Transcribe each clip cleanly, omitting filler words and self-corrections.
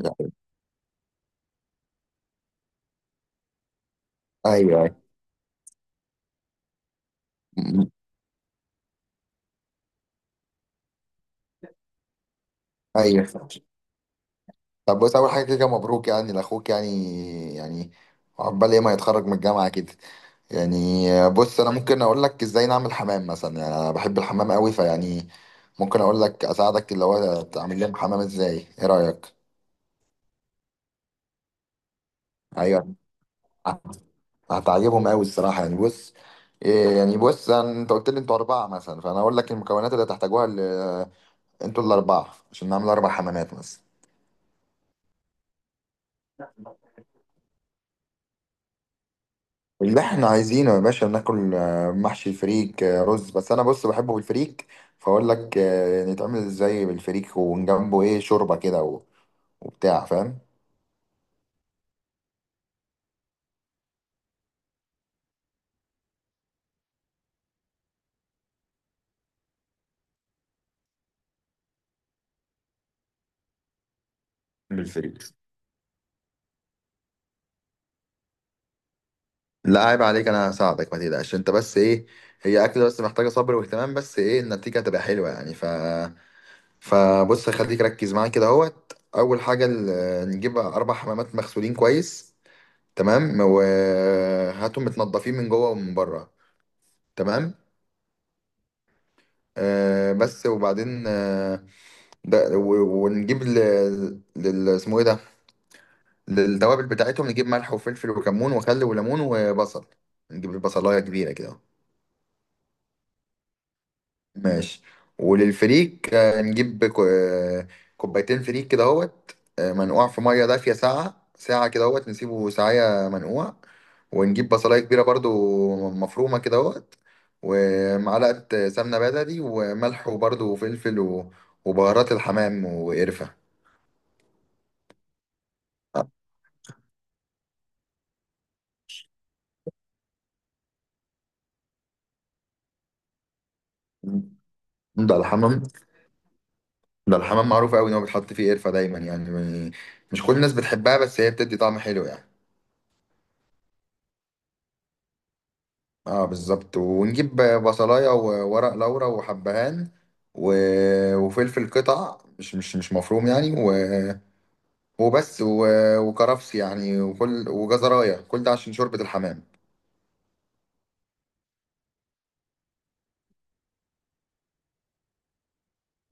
ايوه، ايوه. م- م. ايوه. طب بص، اول حاجه كده مبروك يعني لاخوك يعني عقبال ايه ما يتخرج من الجامعه كده. يعني بص، انا ممكن اقول لك ازاي نعمل حمام مثلا، يعني انا بحب الحمام قوي فيعني ممكن اقول لك اساعدك اللي هو تعمل لهم حمام ازاي، ايه رايك؟ ايوه، هتعجبهم قوي الصراحه يعني. بص إيه، يعني بص انت قلت لي انتوا اربعه مثلا، فانا اقول لك المكونات اللي هتحتاجوها انتوا الاربعه عشان نعمل اربع حمامات مثلا. اللي احنا عايزينه يا باشا ناكل محشي الفريك رز، بس انا بص بحبه بالفريك. فاقول لك نتعمل ازاي بالفريك، وجنبه ايه شوربه كده و- وبتاع فاهم. بالفريك. لا عيب عليك، انا هساعدك ما تقلقش. انت بس ايه، هي اكل بس محتاجه صبر واهتمام، بس ايه النتيجه هتبقى حلوه يعني. ف فبص خليك ركز معايا كده اهوت. اول حاجه نجيب اربع حمامات مغسولين كويس. تمام، وهاتهم متنضفين من جوه ومن بره. تمام. بس وبعدين ده ونجيب ل- لل اسمه ايه ده، للتوابل بتاعتهم نجيب ملح وفلفل وكمون وخل وليمون وبصل. نجيب البصلايه كبيره كده. ماشي، وللفريك نجيب كوبايتين فريك كده اهوت، منقوع في ميه دافيه ساعه ساعه كده اهوت، نسيبه ساعه منقوع. ونجيب بصلايه كبيره برضو مفرومه كده اهوت، ومعلقه سمنه بلدي وملح وبرضو وفلفل و- وبهارات الحمام وقرفه. ده الحمام ده الحمام معروف قوي ان هو بيتحط فيه قرفه دايما يعني. مش كل الناس بتحبها، بس هي بتدي طعم حلو يعني. اه، بالظبط. ونجيب بصلايه وورق لورا وحبهان و... وفلفل قطع مش مفروم يعني، وبس، وكرفس يعني، وكل وجزرايه، كل ده عشان شوربه الحمام.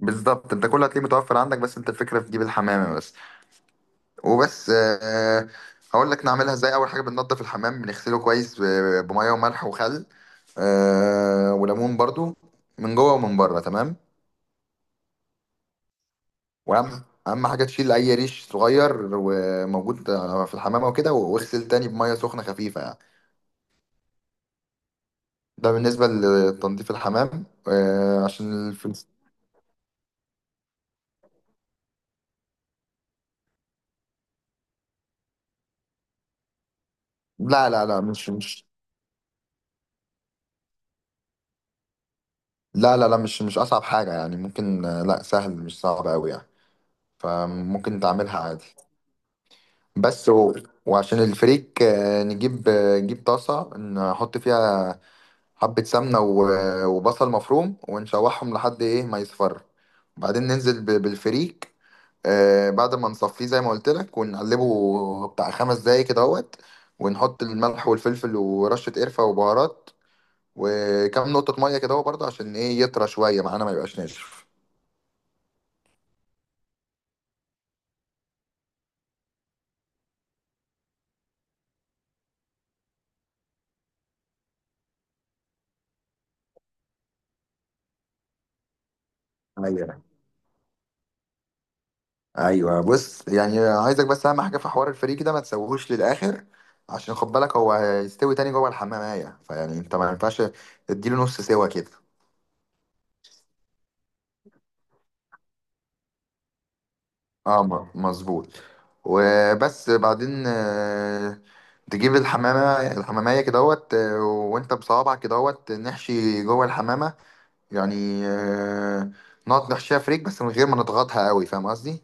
بالظبط. انت كل هتلاقيه متوفر عندك، بس انت الفكره في تجيب الحمامه بس، وبس. هقول لك نعملها ازاي. اول حاجه بننضف الحمام، بنغسله كويس ب- بميه وملح وخل، وليمون برضو، من جوه ومن بره. تمام. واهم حاجه تشيل اي ريش صغير وموجود في الحمامه وكده، واغسل تاني بميه سخنه خفيفه يعني. ده بالنسبه لتنظيف الحمام. لا، لا، لا، مش مش لا، لا، لا، مش اصعب حاجه يعني، ممكن لا، سهل مش صعب قوي يعني، فممكن تعملها عادي. بس، و... وعشان الفريك نجيب نجيب طاسه نحط فيها حبه سمنه و- وبصل مفروم، ونشوحهم لحد ايه ما يصفر. وبعدين ننزل ب- بالفريك. بعد ما نصفيه زي ما قلت لك، ونقلبه بتاع 5 دقايق كده اهوت، ونحط الملح والفلفل ورشة قرفة وبهارات، وكم نقطة مية كده اهو برضه، عشان ايه يطرى شوية معانا ما يبقاش ناشف. ايوه، ايوه. بص يعني، عايزك بس اهم حاجة في حوار الفريك ده ما تسويهوش للآخر، عشان خد بالك هو هيستوي تاني جوه الحمامية. فيعني انت ما ينفعش تديله نص سوا كده. اه، مظبوط. وبس بعدين تجيب الحمامية كدهوت، وانت بصوابعك كدهوت نحشي جوه الحمامة يعني، نقعد نحشيها فريك بس من غير ما نضغطها قوي. فاهم قصدي؟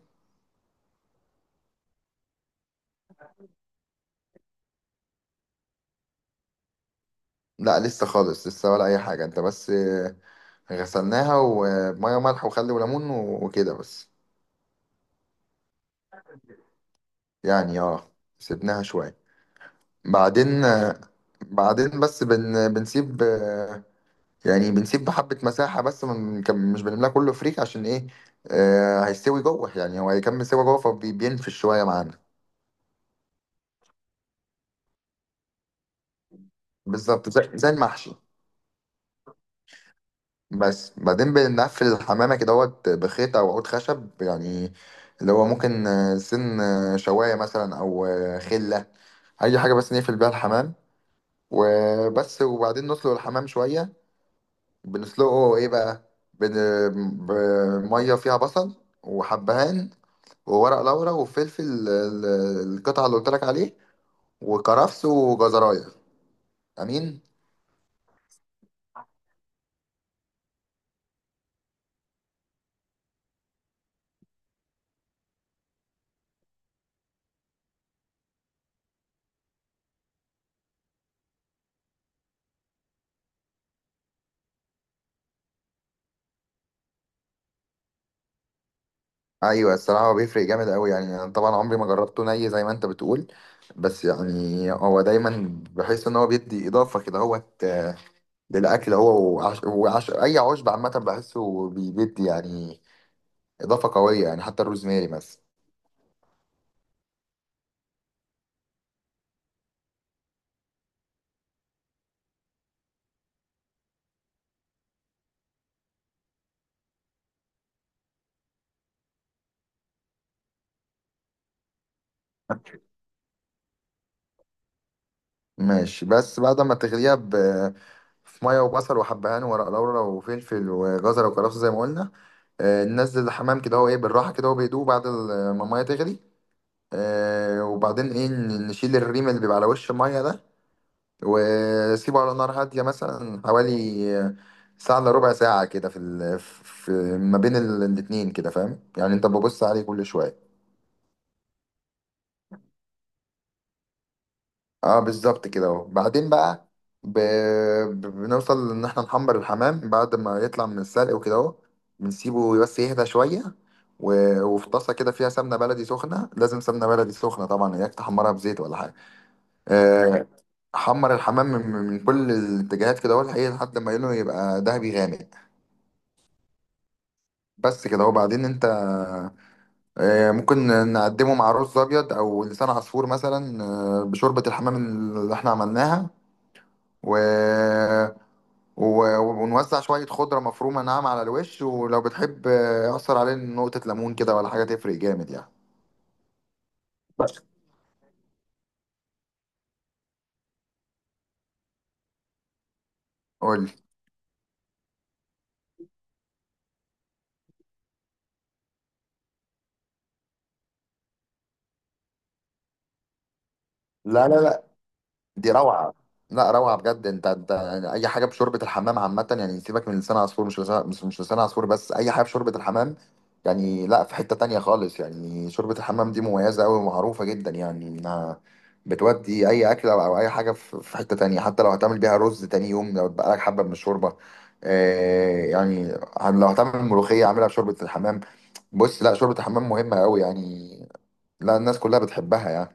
لا، لسه خالص، لسه ولا أي حاجة. انت بس غسلناها ومية وملح وخل وليمون و- وكده بس. يعني اه، سيبناها شوية. بعدين آه، بعدين بس بنسيب يعني بنسيب حبة مساحة بس من مش بنملاها كله فريك، عشان ايه؟ آه، هيستوي جوه يعني، هو هيكمل سوا جوه فبينفش شوية معانا. بالظبط، زي المحشي. بس بعدين بنقفل الحمامة كده اهوت بخيط او عود خشب يعني، اللي هو ممكن سن شواية مثلا، او خلة، اي حاجة بس نقفل بيها الحمام. وبس، وبعدين نسلق الحمام شوية. بنسلقه ايه بقى؟ بميه فيها بصل وحبهان وورق لورا وفلفل القطعه اللي قلت لك عليه، وكرفس وجزرايه. امين. ايوه الصراحه، هو بيفرق جامد قوي يعني. انا طبعا عمري ما جربته ني زي ما انت بتقول، بس يعني هو دايما بحس ان هو بيدي اضافه كده هوت للاكل. هو اي عشب عامه بحسه بيدي يعني اضافه قويه يعني، حتى الروزماري مثلا. ماشي. بس بعد ما تغليها في ميه وبصل وحبهان وورق لورا وفلفل وجزر وكرفس زي ما قلنا. ننزل الحمام كده هو ايه بالراحه كده، هو بيدوب بعد ما الميه تغلي. وبعدين ايه نشيل الريم اللي بيبقى على وش الميه ده، وسيبه على نار هاديه مثلا حوالي ساعه الا ربع ساعه كده، في في ما بين الاتنين كده. فاهم يعني؟ انت ببص عليه كل شويه. اه بالظبط كده اهو. بعدين بقى ب... بنوصل ان احنا نحمر الحمام بعد ما يطلع من السلق وكده اهو، بنسيبه بس يهدى شويه، و... وفي طاسه كده فيها سمنه بلدي سخنه. لازم سمنه بلدي سخنه طبعا، اياك تحمرها بزيت ولا حاجه. آه حمر الحمام من كل الاتجاهات كده اهو لحقيقة، لحد ما لونه يبقى ذهبي غامق. بس كده اهو. بعدين انت ممكن نقدمه مع رز ابيض او لسان عصفور مثلا، بشوربه الحمام اللي احنا عملناها، و... و... ونوزع شوية خضرة مفرومة ناعمة على الوش. ولو بتحب أعصر عليه نقطة ليمون كده ولا حاجة تفرق جامد يعني. بس قول لي. لا، لا، لا، دي روعه. لا روعه بجد. انت يعني اي حاجه بشوربه الحمام عامه يعني، سيبك من لسان عصفور. مش لسان مش مش لسان عصفور بس، اي حاجه بشوربه الحمام. يعني لا، في حته تانية خالص يعني. شوربه الحمام دي مميزه قوي ومعروفه جدا يعني، انها بتودي اي اكله او اي حاجه في حته تانية، حتى لو هتعمل بيها رز تاني يوم لو اتبقى لك حبه من الشوربه. آه يعني، لو هتعمل ملوخيه اعملها بشوربه الحمام. بص لا، شوربه الحمام مهمه قوي يعني، لا الناس كلها بتحبها يعني.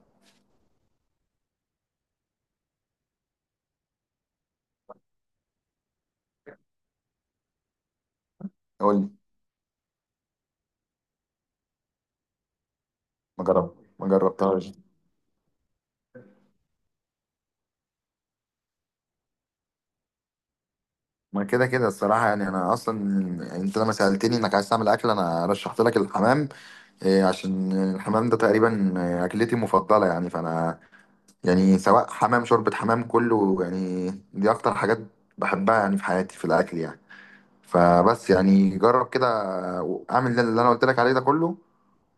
قول لي. ما جربتهاش. ما كده كده الصراحة يعني، أنا أصلا أنت لما سألتني إنك عايز تعمل أكل أنا رشحت لك الحمام، عشان الحمام ده تقريبا أكلتي المفضلة يعني. فأنا يعني سواء حمام شوربة حمام، كله يعني دي أكتر حاجات بحبها يعني في حياتي في الأكل يعني. فبس يعني جرب كده، أعمل اللي أنا قلت لك عليه ده كله،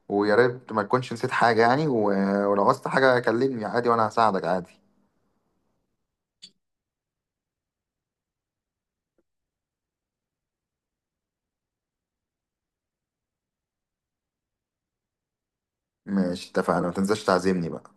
ويا ريت ما تكونش نسيت حاجة يعني. و- ولو عوزت حاجة كلمني عادي، وأنا هساعدك عادي. ماشي اتفقنا، ما تنساش تعزمني بقى.